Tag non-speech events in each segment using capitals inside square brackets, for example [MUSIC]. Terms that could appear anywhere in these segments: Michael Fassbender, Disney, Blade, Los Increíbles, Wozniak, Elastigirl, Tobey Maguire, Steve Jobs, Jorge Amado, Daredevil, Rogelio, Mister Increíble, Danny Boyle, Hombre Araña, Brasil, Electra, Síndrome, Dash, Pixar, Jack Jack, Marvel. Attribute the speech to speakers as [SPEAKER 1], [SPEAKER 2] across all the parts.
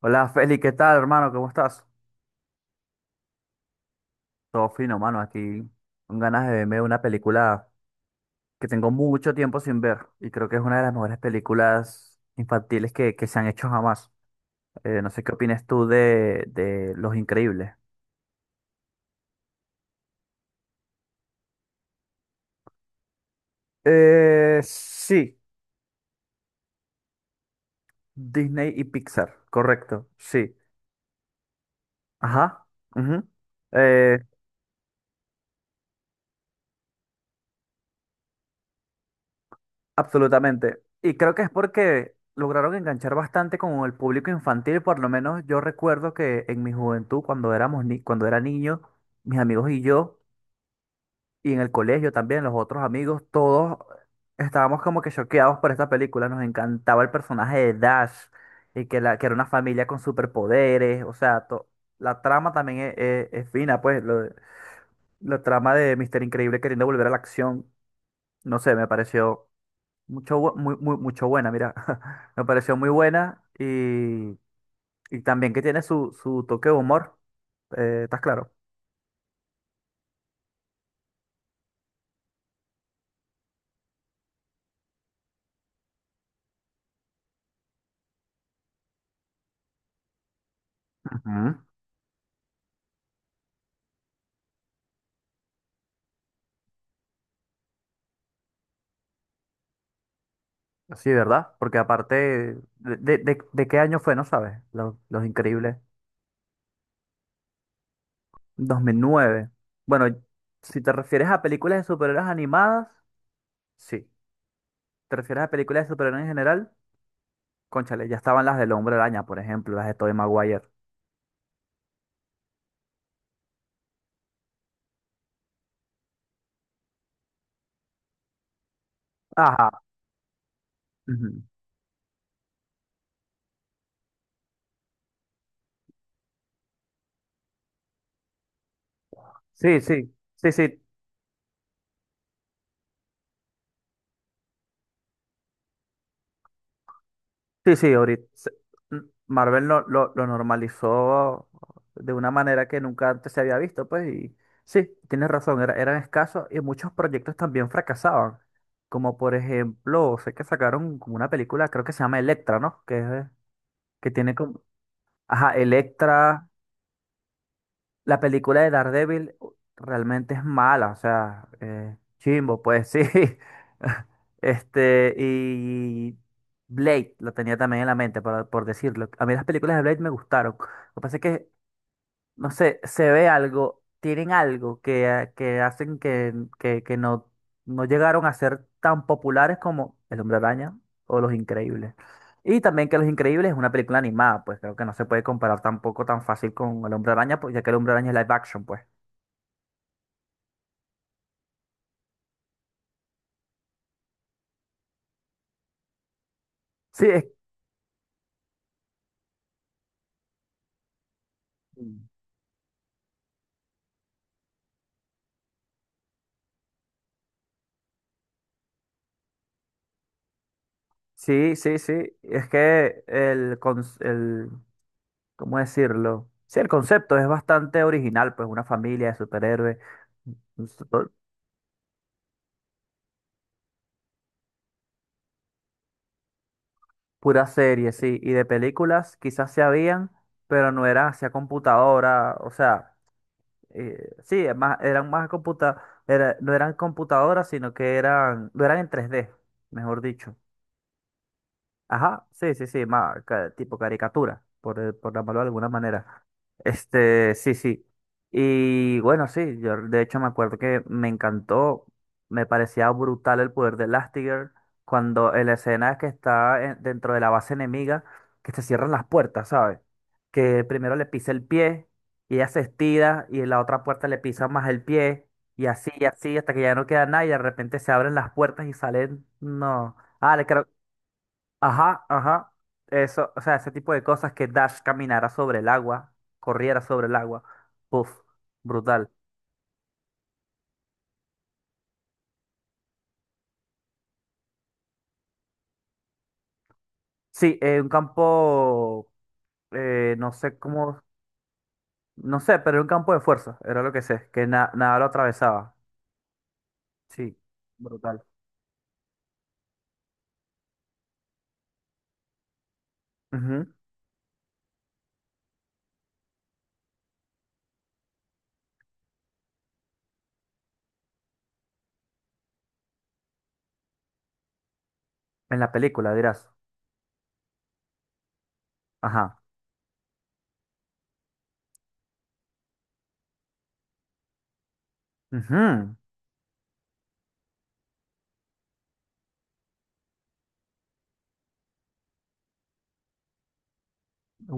[SPEAKER 1] Hola Feli, ¿qué tal, hermano? ¿Cómo estás? Todo fino, mano, aquí con ganas de verme una película que tengo mucho tiempo sin ver y creo que es una de las mejores películas infantiles que se han hecho jamás. No sé qué opinas tú de Los Increíbles. Sí, Disney y Pixar, correcto, sí. Ajá, ujú. Eh, Absolutamente. Y creo que es porque lograron enganchar bastante con el público infantil. Por lo menos yo recuerdo que en mi juventud, cuando éramos ni cuando era niño, mis amigos y yo, y en el colegio también, los otros amigos, todos estábamos como que choqueados por esta película. Nos encantaba el personaje de Dash y que era una familia con superpoderes. O sea, la trama también es fina, pues, la trama de Mister Increíble queriendo volver a la acción. No sé, me pareció Mucho, bu- muy, muy- mucho buena, mira. [LAUGHS] Me pareció muy buena y también que tiene su toque de humor. Eh, ¿estás claro? Ujú. Sí, ¿verdad? Porque aparte, ¿de qué año fue? No sabes. Los Increíbles. Dos mil nueve. Bueno, si te refieres a películas de superhéroes animadas, sí. ¿Te refieres a películas de superhéroes en general? Cónchale, ya estaban las del Hombre Araña, por ejemplo, las de Tobey Maguire. Ajá, ujú. Sí, sí. Sí, sí. Sí, sí. Marvel lo normalizó de una manera que nunca antes se había visto, pues, y sí, tienes razón, eran escasos y muchos proyectos también fracasaban. Como por ejemplo, sé que sacaron como una película, creo que se llama Electra, ¿no? Que, es de- que tiene como, ajá, Electra, la película de Daredevil realmente es mala. O sea, chimbo, pues sí. [LAUGHS] Y Blade, lo tenía también en la mente, por decirlo. A mí las películas de Blade me gustaron. Lo que pasa es que no sé, se ve algo, tienen algo que hacen que no, no llegaron a ser tan populares como El Hombre Araña o Los Increíbles. Y también que Los Increíbles es una película animada, pues creo que no se puede comparar tampoco tan fácil con El Hombre Araña, pues, ya que El Hombre Araña es live action, pues. Sí, es- Mm. Sí, sí, sí, es que el, cons- el, ¿cómo decirlo? Sí, el concepto es bastante original, pues una familia de superhéroes. Pura serie, sí. Y de películas quizás se habían, pero no eran hacia computadora. O sea, eh, sí, es más, eran más computa, era- no eran computadoras, sino que eran, no eran en tres d, mejor dicho. Ajá, sí, sí, sí, tipo caricatura, por llamarlo de alguna manera. Este, sí, sí. Y bueno, sí, yo de hecho me acuerdo que me encantó, me parecía brutal el poder de Elastigirl cuando en la escena que dentro de la base enemiga, que se cierran las puertas, ¿sabes? Que primero le pisa el pie y ella se estira y en la otra puerta le pisa más el pie, y así hasta que ya no queda nada, y de repente se abren las puertas y salen, no. Ah, le creo. Ajá, ajá. Eso, o sea, ese tipo de cosas, que Dash caminara sobre el agua, corriera sobre el agua. Puf, brutal. Sí, un campo, eh, no sé cómo, no sé, pero era un campo de fuerza, era lo que sé, que nada lo atravesaba. Sí, brutal. Ujú. En la película, dirás. Ajá. Ujú.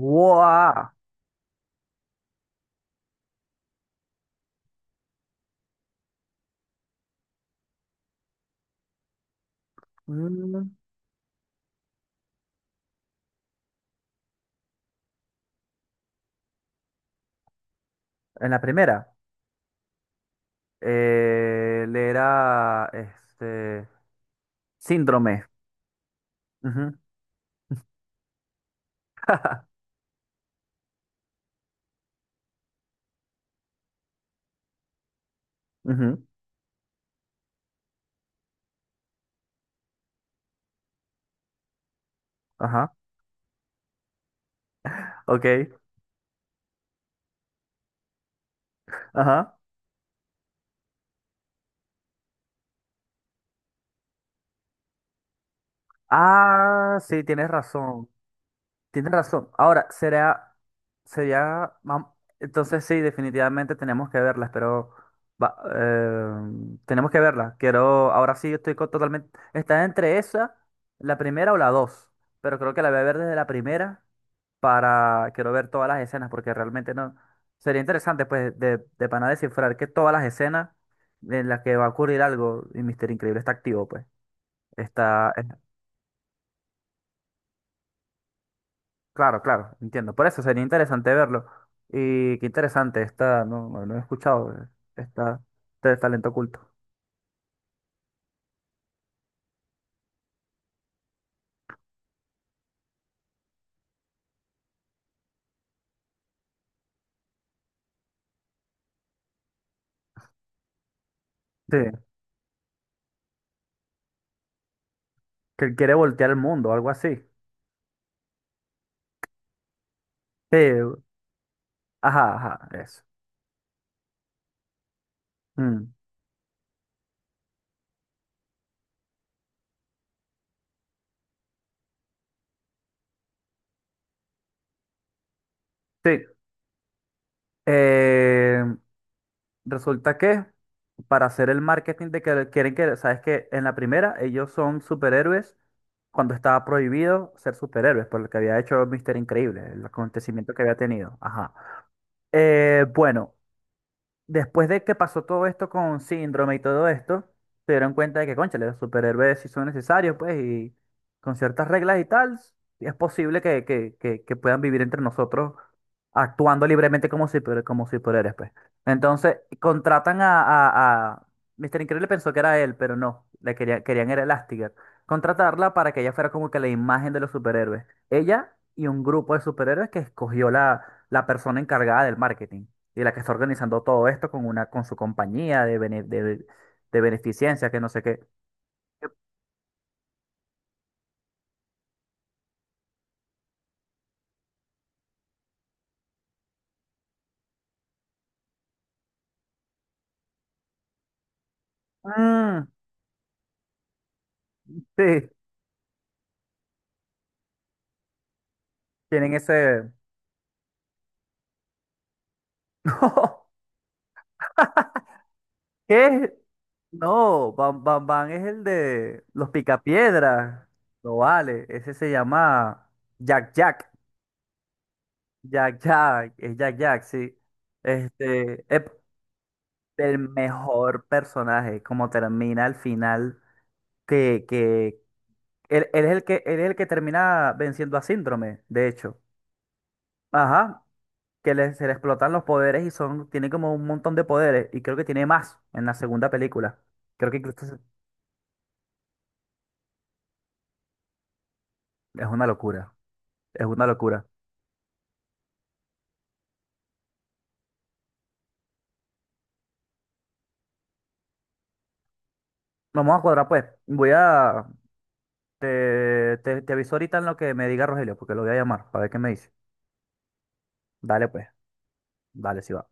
[SPEAKER 1] ¡Guau! Mm. En la primera, eh, le era, este, síndrome. Ujú. [LAUGHS] Ujú. Ajá. Ok, ajá. Ah, sí, tienes razón. Tienes razón. Ahora, sería, vam- entonces sí, definitivamente tenemos que verlas, pero va- eh, tenemos que verlas. Quiero, ahora sí, totalmente, está entre esa, la primera o la dos, pero creo que la voy a ver desde la primera para, quiero ver todas las escenas, porque realmente no, sería interesante, pues, de pana descifrar que todas las escenas en las que va a ocurrir algo y Mister Increíble está activo, pues. Está. Claro, claro, entiendo. Por eso sería interesante verlo. Y qué interesante, está, no, no, no he escuchado, esta, este talento oculto. Sí, que él quiere voltear el mundo, algo así. Sí, ajá, ajá, eso. Mm, sí, eh, resulta que para hacer el marketing de que quieren que, sabes que en la primera ellos son superhéroes cuando estaba prohibido ser superhéroes, por lo que había hecho Mister Increíble, el acontecimiento que había tenido. Ajá. Bueno. Después de que pasó todo esto con síndrome y todo esto, se dieron cuenta de que, cónchale, los superhéroes sí son necesarios, pues, y con ciertas reglas y tal, es posible que puedan vivir entre nosotros actuando libremente como superhéroes, pues. Entonces, contratan a... Mr. Increíble pensó que era él, pero no, querían era Elastigirl. Contratarla para que ella fuera como que la imagen de los superhéroes. Ella y un grupo de superhéroes que escogió la persona encargada del marketing y la que está organizando todo esto con una, con su compañía de beneficencia, que no sé qué. Mm, sí, tienen ese. [LAUGHS] No, ¿qué? No, Bam Bam Bam es el de los picapiedras. No vale, ese se llama Jack Jack. Jack Jack, es Jack Jack, sí. Este, ep, el mejor personaje, como termina al final, que, que él es el que, él es el que termina venciendo a Síndrome, de hecho. Ajá, se le explotan los poderes y son, tiene como un montón de poderes y creo que tiene más en la segunda película. Creo que incluso se- Es una locura, es una locura. Vamos a cuadrar, pues. Te, te aviso ahorita en lo que me diga Rogelio, porque lo voy a llamar, para ver qué me dice. Dale pues, dale si va.